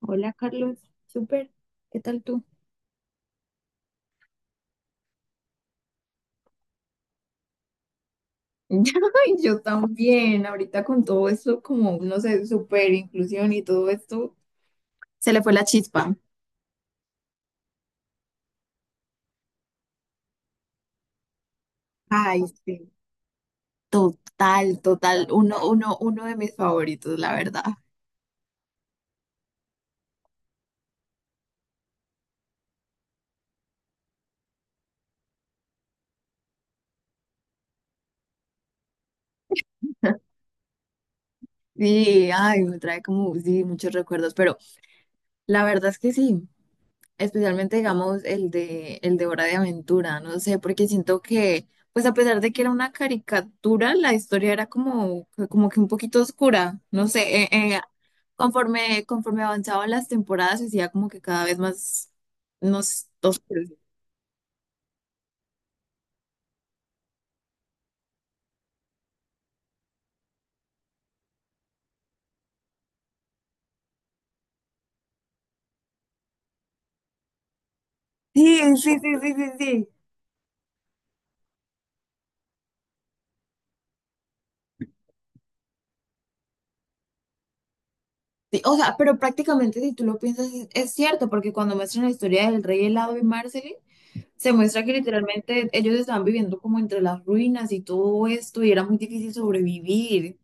Hola Carlos, súper, ¿qué tal tú? Ay, yo también, ahorita con todo esto, como, no sé, super inclusión y todo esto, se le fue la chispa. Ay, sí. Total, total, uno de mis favoritos, la verdad. Sí, ay, me trae como, sí, muchos recuerdos, pero la verdad es que sí. Especialmente digamos el de Hora de Aventura, no sé, porque siento que pues a pesar de que era una caricatura, la historia era como como que un poquito oscura, no sé, conforme avanzaban las temporadas se hacía como que cada vez más nos oscuro. Sí, sí, sí, sí, sí, sí. Sí, o sea, pero prácticamente si tú lo piensas es cierto, porque cuando muestran la historia del rey helado y Marceline se muestra que literalmente ellos estaban viviendo como entre las ruinas y todo esto, y era muy difícil sobrevivir.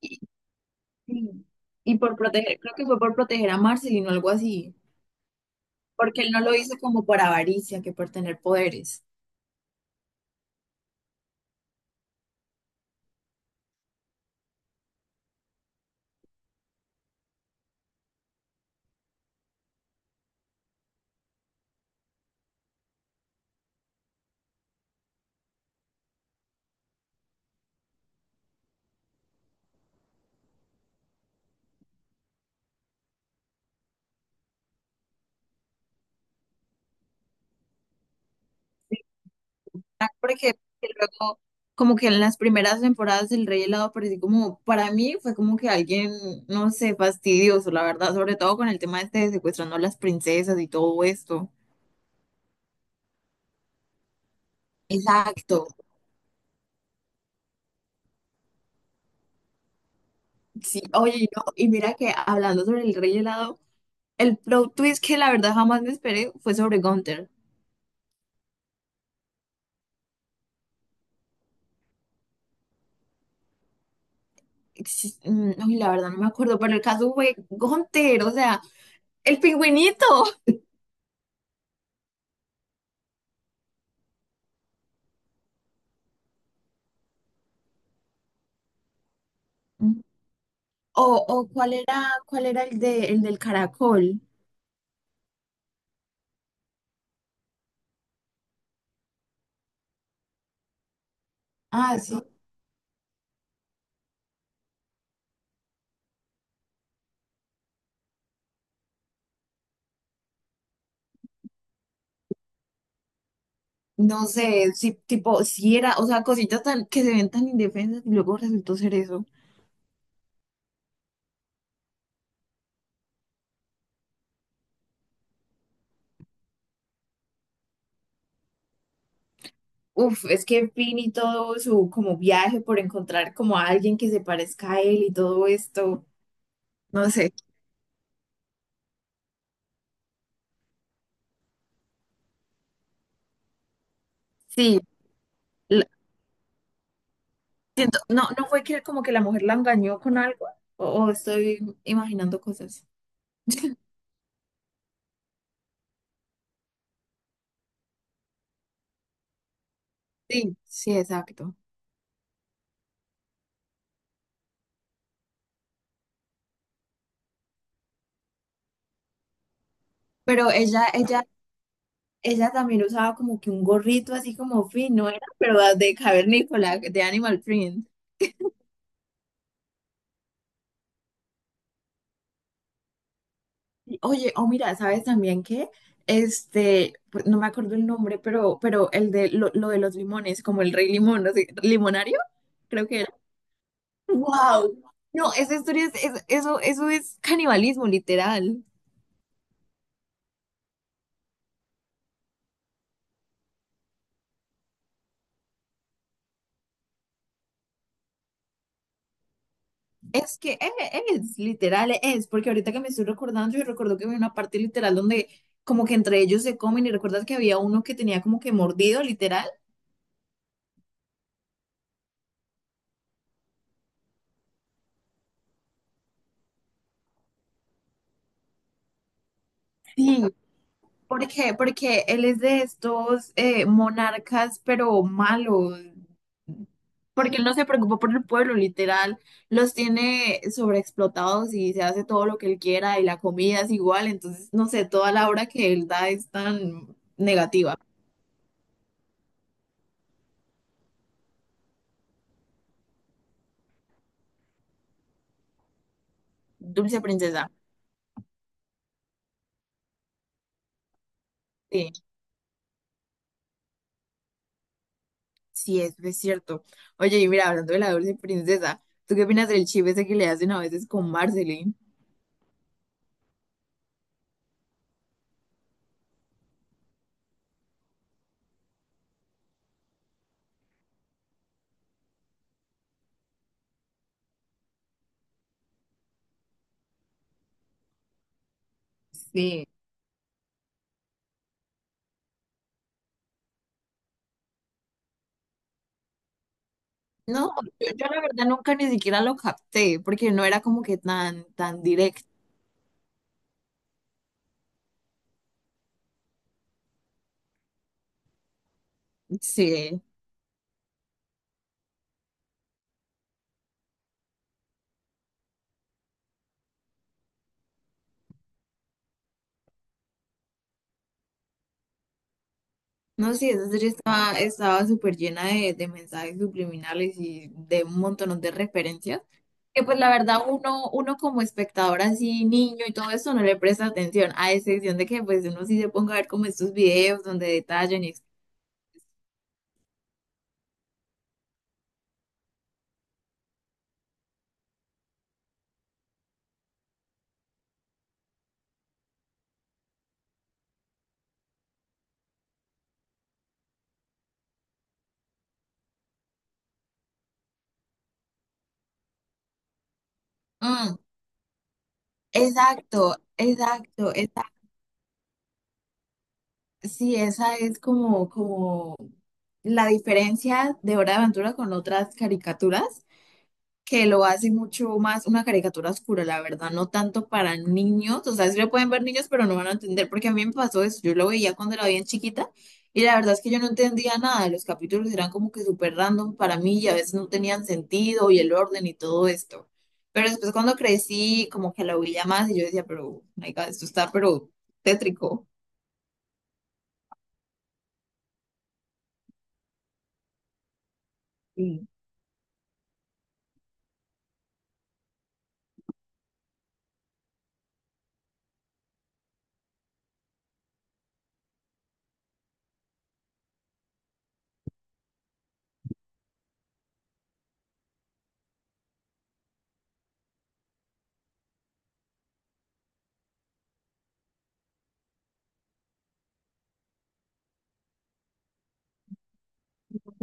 Y, y y por proteger, creo que fue por proteger a Marceline o algo así, porque él no lo hizo como por avaricia, que por tener poderes. Ah, porque, porque luego, como que en las primeras temporadas del Rey Helado pareció como, para mí fue como que alguien, no sé, fastidioso, la verdad, sobre todo con el tema este de secuestrando a las princesas y todo esto. Exacto. Sí, oye, y no, y mira que hablando sobre el Rey Helado, el plot twist que la verdad jamás me esperé fue sobre Gunther. Uy, la verdad no me acuerdo, pero el caso fue Gunther, o sea, el pingüinito. Mm. O cuál era el de, el del caracol. Ah, sí. No sé, sí, tipo, si era, o sea, cositas tan, que se ven tan indefensas y luego resultó ser eso. Uf, es que Finn y todo su como viaje por encontrar como a alguien que se parezca a él y todo esto, no sé. Sí, no, no fue que como que la mujer la engañó con algo, o estoy imaginando cosas. Sí, sí, exacto. Pero ella también usaba como que un gorrito así como fino, ¿no era, pero de cavernícola, de Animal Print? Y, oye, oh mira, ¿sabes también qué? Este, pues, no me acuerdo el nombre, pero el de lo de los limones, como el rey limón, no sé, limonario, creo que era. ¡Wow! No, esa historia es- eso es canibalismo, literal. Es que es, literal es, porque ahorita que me estoy recordando, yo recuerdo que había una parte literal donde como que entre ellos se comen y recuerdas que había uno que tenía como que mordido, literal. Sí, ¿por qué? Porque él es de estos monarcas, pero malos, porque él no se preocupa por el pueblo, literal, los tiene sobreexplotados y se hace todo lo que él quiera y la comida es igual, entonces no sé, toda la obra que él da es tan negativa. Dulce princesa. Sí. Sí, eso es cierto. Oye, y mira, hablando de la dulce princesa, ¿tú qué opinas del chip ese que le hacen a veces con Marceline? Sí. No, yo la verdad nunca ni siquiera lo capté, porque no era como que tan, tan directo. Sí. No, sí, esa serie estaba, estaba súper llena de mensajes subliminales y de un montón de referencias, que pues la verdad uno, uno como espectador así, niño y todo eso, no le presta atención, a excepción de que pues uno sí se ponga a ver como estos videos donde detallan y... Mm, exacto, exacto, esa, sí, esa es como, como la diferencia de Hora de Aventura con otras caricaturas, que lo hace mucho más una caricatura oscura, la verdad, no tanto para niños, o sea, sí lo pueden ver niños, pero no van a entender, porque a mí me pasó eso, yo lo veía cuando era bien chiquita y la verdad es que yo no entendía nada, los capítulos eran como que súper random para mí y a veces no tenían sentido y el orden y todo esto. Pero después cuando crecí, como que lo veía más y yo decía, pero, my God, esto está pero tétrico. Y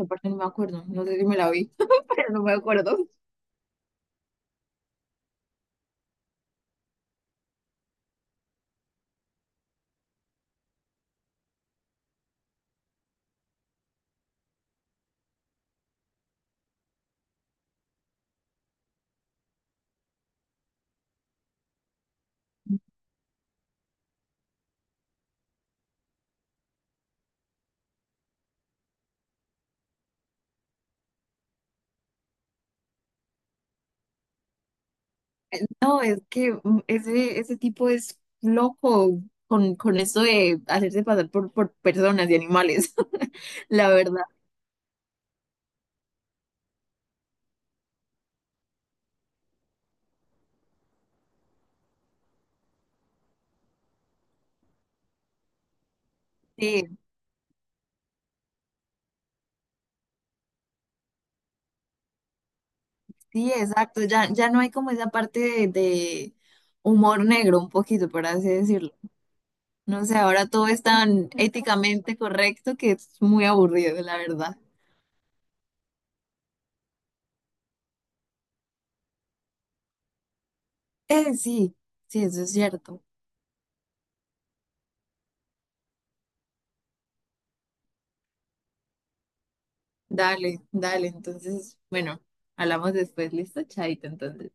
aparte no me acuerdo, no sé si me la vi, pero no me acuerdo. No, es que ese, ese tipo es loco con eso de hacerse pasar por personas y animales, la verdad. Sí, sí, exacto. Ya, ya no hay como esa parte de humor negro, un poquito, por así decirlo. No sé, ahora todo es tan éticamente correcto que es muy aburrido, la verdad. Sí, sí, eso es cierto. Dale, dale. Entonces, bueno, hablamos después. Listo, chaito, entonces.